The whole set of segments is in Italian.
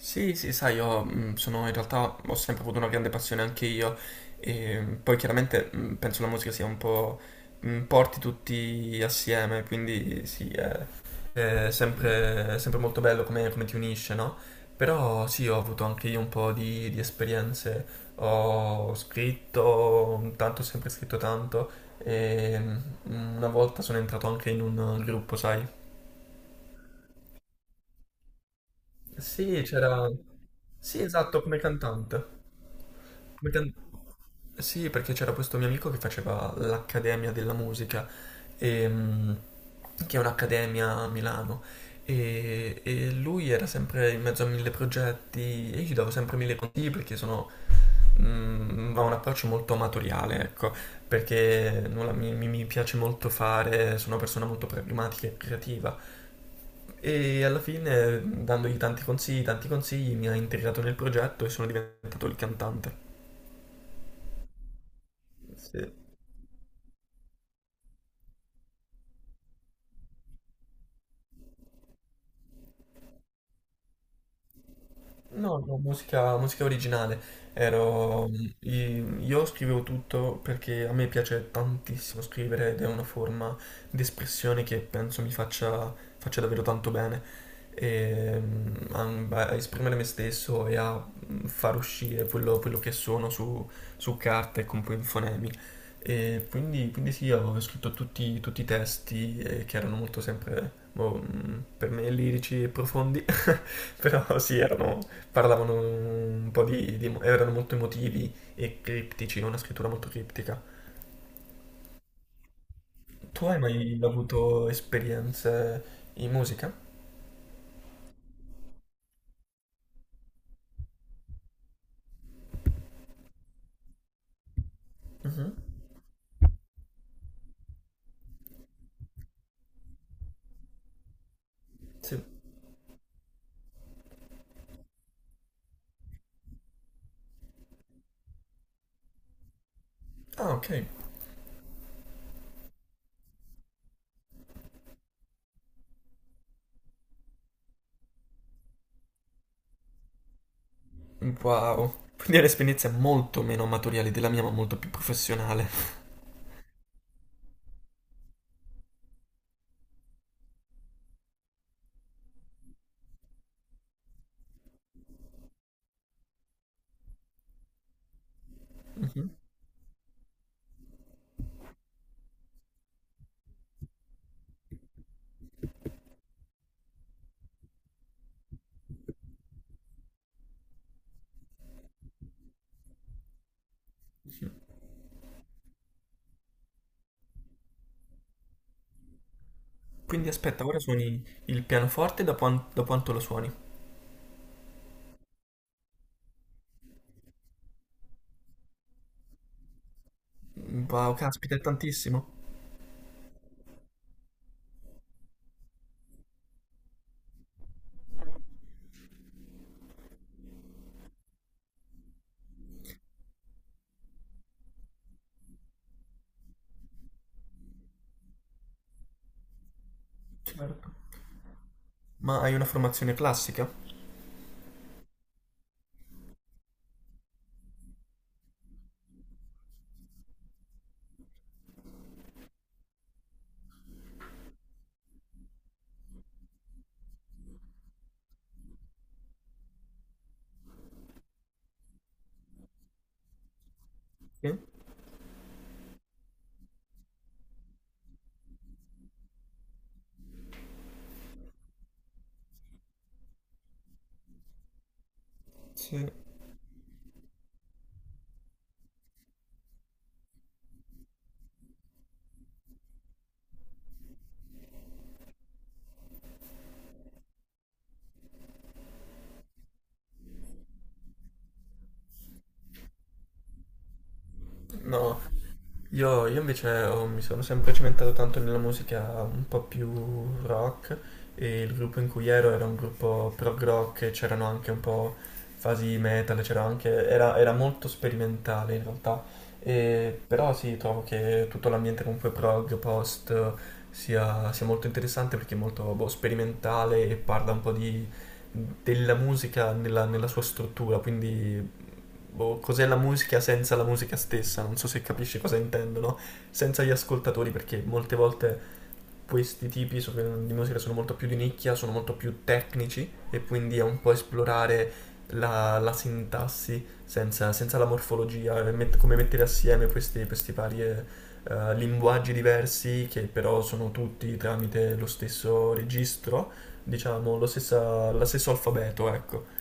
Sì, sì, sai, io sono in realtà ho sempre avuto una grande passione anche io e poi chiaramente penso la musica sia un po' porti tutti assieme, quindi sì, è sempre molto bello come, come ti unisce, no? Però sì, ho avuto anche io un po' di esperienze, ho scritto, tanto ho sempre scritto tanto e una volta sono entrato anche in un gruppo, sai? Sì, c'era... Sì, esatto, come cantante. Megan- Sì, perché c'era questo mio amico che faceva l'Accademia della Musica, ehm, che è un'accademia a Milano, e lui era sempre in mezzo a mille progetti e io gli davo sempre mille consigli perché sono, ha un approccio molto amatoriale, ecco, perché nulla, mi piace molto fare, sono una persona molto pragmatica e creativa. E alla fine, dandogli tanti consigli, mi ha integrato nel progetto e sono diventato il cantante. Sì. No, no, musica, musica originale. Ero, io scrivevo tutto perché a me piace tantissimo scrivere ed è una forma di espressione che penso mi faccia, faccia davvero tanto bene. E, a, a esprimere me stesso e a far uscire quello, quello che sono su, su carta e con poi in fonemi. E quindi, quindi sì, avevo scritto tutti, tutti i testi che erano molto sempre boh, per me lirici e profondi. Però sì, erano, parlavano un po' erano molto emotivi e criptici, una scrittura molto criptica. Tu hai mai avuto esperienze in musica? Mhm. Sì. Ah, ok. Wow. Quindi è un'esperienza molto meno amatoriale della mia, ma molto più professionale. Mhm. Mhm. Quindi aspetta, ora suoni il pianoforte, da, da quanto lo suoni? Wow, caspita, è tantissimo. Certo. Ma hai una formazione classica? Sì. Sì. No, io invece mi sono sempre cimentato tanto nella musica un po' più rock e il gruppo in cui ero era un gruppo prog rock e c'erano anche un po' fasi metal, c'era anche, era, era molto sperimentale in realtà, però sì, trovo che tutto l'ambiente comunque prog, post sia, sia molto interessante perché è molto boh, sperimentale e parla un po' di, della musica nella, nella sua struttura, quindi boh, cos'è la musica senza la musica stessa, non so se capisci cosa intendo, no? Senza gli ascoltatori, perché molte volte questi tipi di musica sono molto più di nicchia, sono molto più tecnici e quindi è un po' esplorare la, la sintassi senza, senza la morfologia, e come mettere assieme questi, questi vari linguaggi diversi che però sono tutti tramite lo stesso registro, diciamo, lo stesso alfabeto, ecco.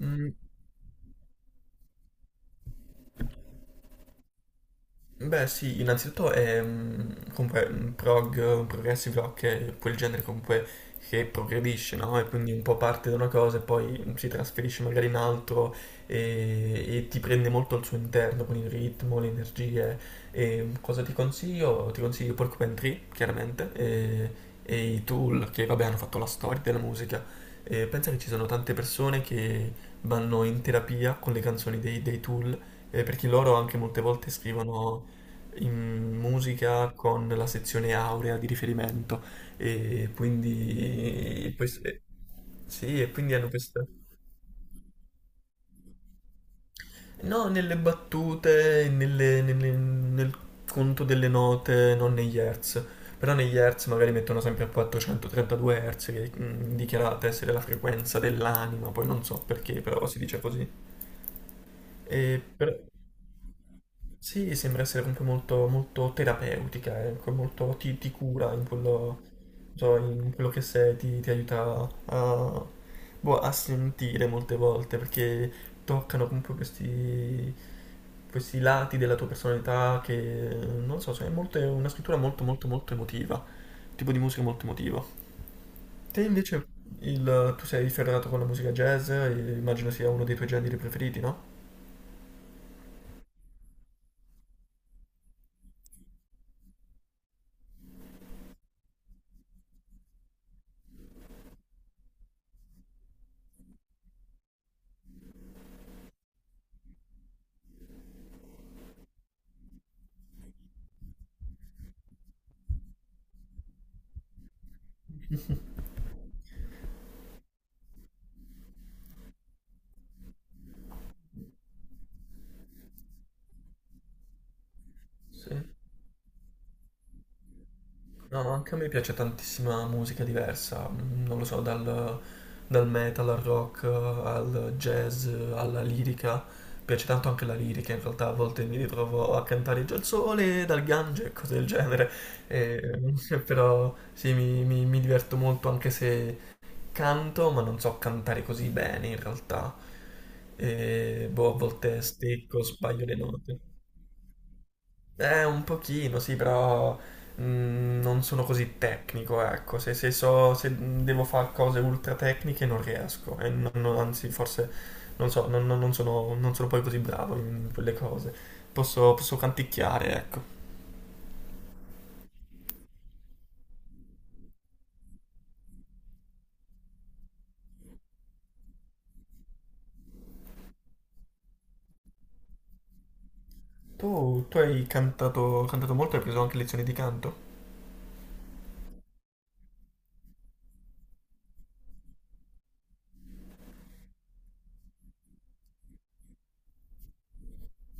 Mm. Beh, sì, innanzitutto è comunque un progressive rock è quel genere comunque che progredisce, no? E quindi un po' parte da una cosa e poi si trasferisce magari in altro e ti prende molto al suo interno con il ritmo, le energie. E cosa ti consiglio? Ti consiglio Porcupine Tree, chiaramente, e i Tool che vabbè hanno fatto la storia della musica. E pensa che ci sono tante persone che vanno in terapia con le canzoni dei Tool perché loro anche molte volte scrivono in musica con la sezione aurea di riferimento e quindi sì, e quindi hanno questa no, nelle battute, nel conto delle note, non negli hertz. Però negli hertz magari mettono sempre a 432 hertz che è dichiarata essere la frequenza dell'anima, poi non so perché, però si dice così. E però- Sì, sembra essere comunque molto, molto terapeutica, ecco, molto ti, ti cura in quello, so, in quello che sei, ti aiuta a, boh, a sentire molte volte, perché toccano comunque questi, questi lati della tua personalità che, non so, cioè, è è una scrittura molto, molto, molto emotiva, tipo di musica molto emotiva. Te invece, tu sei ferrato con la musica jazz, e immagino sia uno dei tuoi generi preferiti, no? Sì. No, anche a me piace tantissima musica diversa, non lo so, dal, dal metal al rock al jazz alla lirica. Piace tanto anche la lirica, in realtà a volte mi ritrovo a cantare già il sole dal Gange e cose del genere. E, però sì, mi diverto molto anche se canto, ma non so cantare così bene in realtà. E, boh, a volte stecco, sbaglio le note. Un pochino, sì, però non sono così tecnico, ecco. Se, se so, se devo fare cose ultra tecniche non riesco. E anzi, forse non so, non sono, non sono poi così bravo in quelle cose. Posso, posso canticchiare, ecco. Tu, tu hai cantato, cantato molto, hai preso anche lezioni di canto?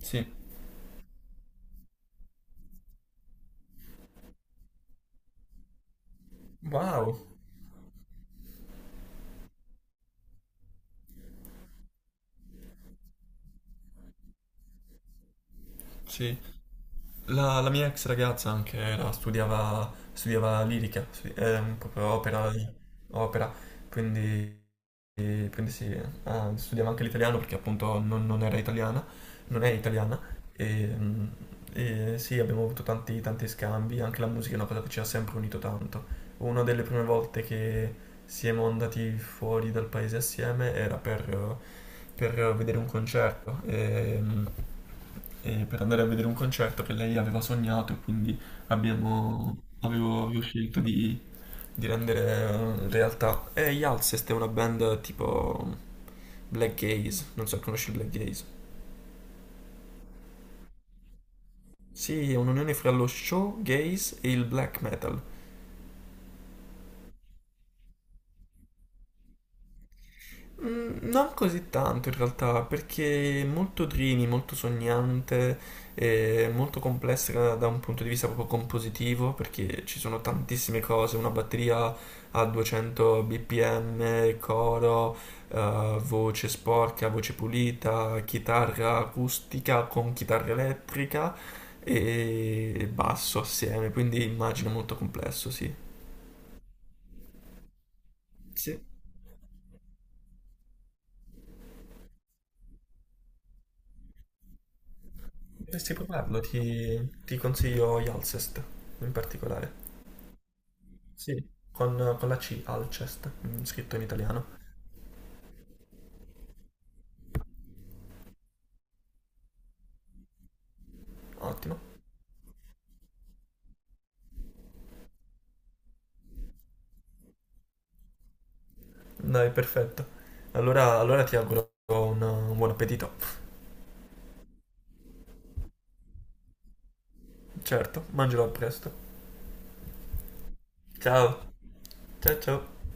Sì. Wow, sì. La, la mia ex ragazza anche studiava, studiava lirica, proprio opera, opera, quindi e prendessi, ah, studiava anche l'italiano perché appunto non, non era italiana, non è italiana e, e sì, abbiamo avuto tanti, tanti scambi, anche la musica è una cosa che ci ha sempre unito tanto. Una delle prime volte che siamo andati fuori dal paese assieme era per vedere un concerto, e, e per andare a vedere un concerto che lei aveva sognato e quindi abbiamo, avevo, avevo scelto di rendere realtà. E gli Alcest è una band tipo black gaze, non so, conosci il black gaze? Sì, è un'unione fra lo show gaze e il black metal. Mm. Non così tanto in realtà, perché è molto Drini, molto sognante, e molto complessa da da un punto di vista proprio compositivo, perché ci sono tantissime cose, una batteria a 200 bpm, coro, voce sporca, voce pulita, chitarra acustica con chitarra elettrica e basso assieme, quindi immagino molto complesso, sì. Sì. Dovresti provarlo, ti consiglio Alcest in particolare. Sì. Con la C, Alcest, scritto in italiano. Ottimo. Dai, perfetto. Allora, allora ti auguro un buon appetito. Certo, mangerò presto. Ciao. Ciao ciao.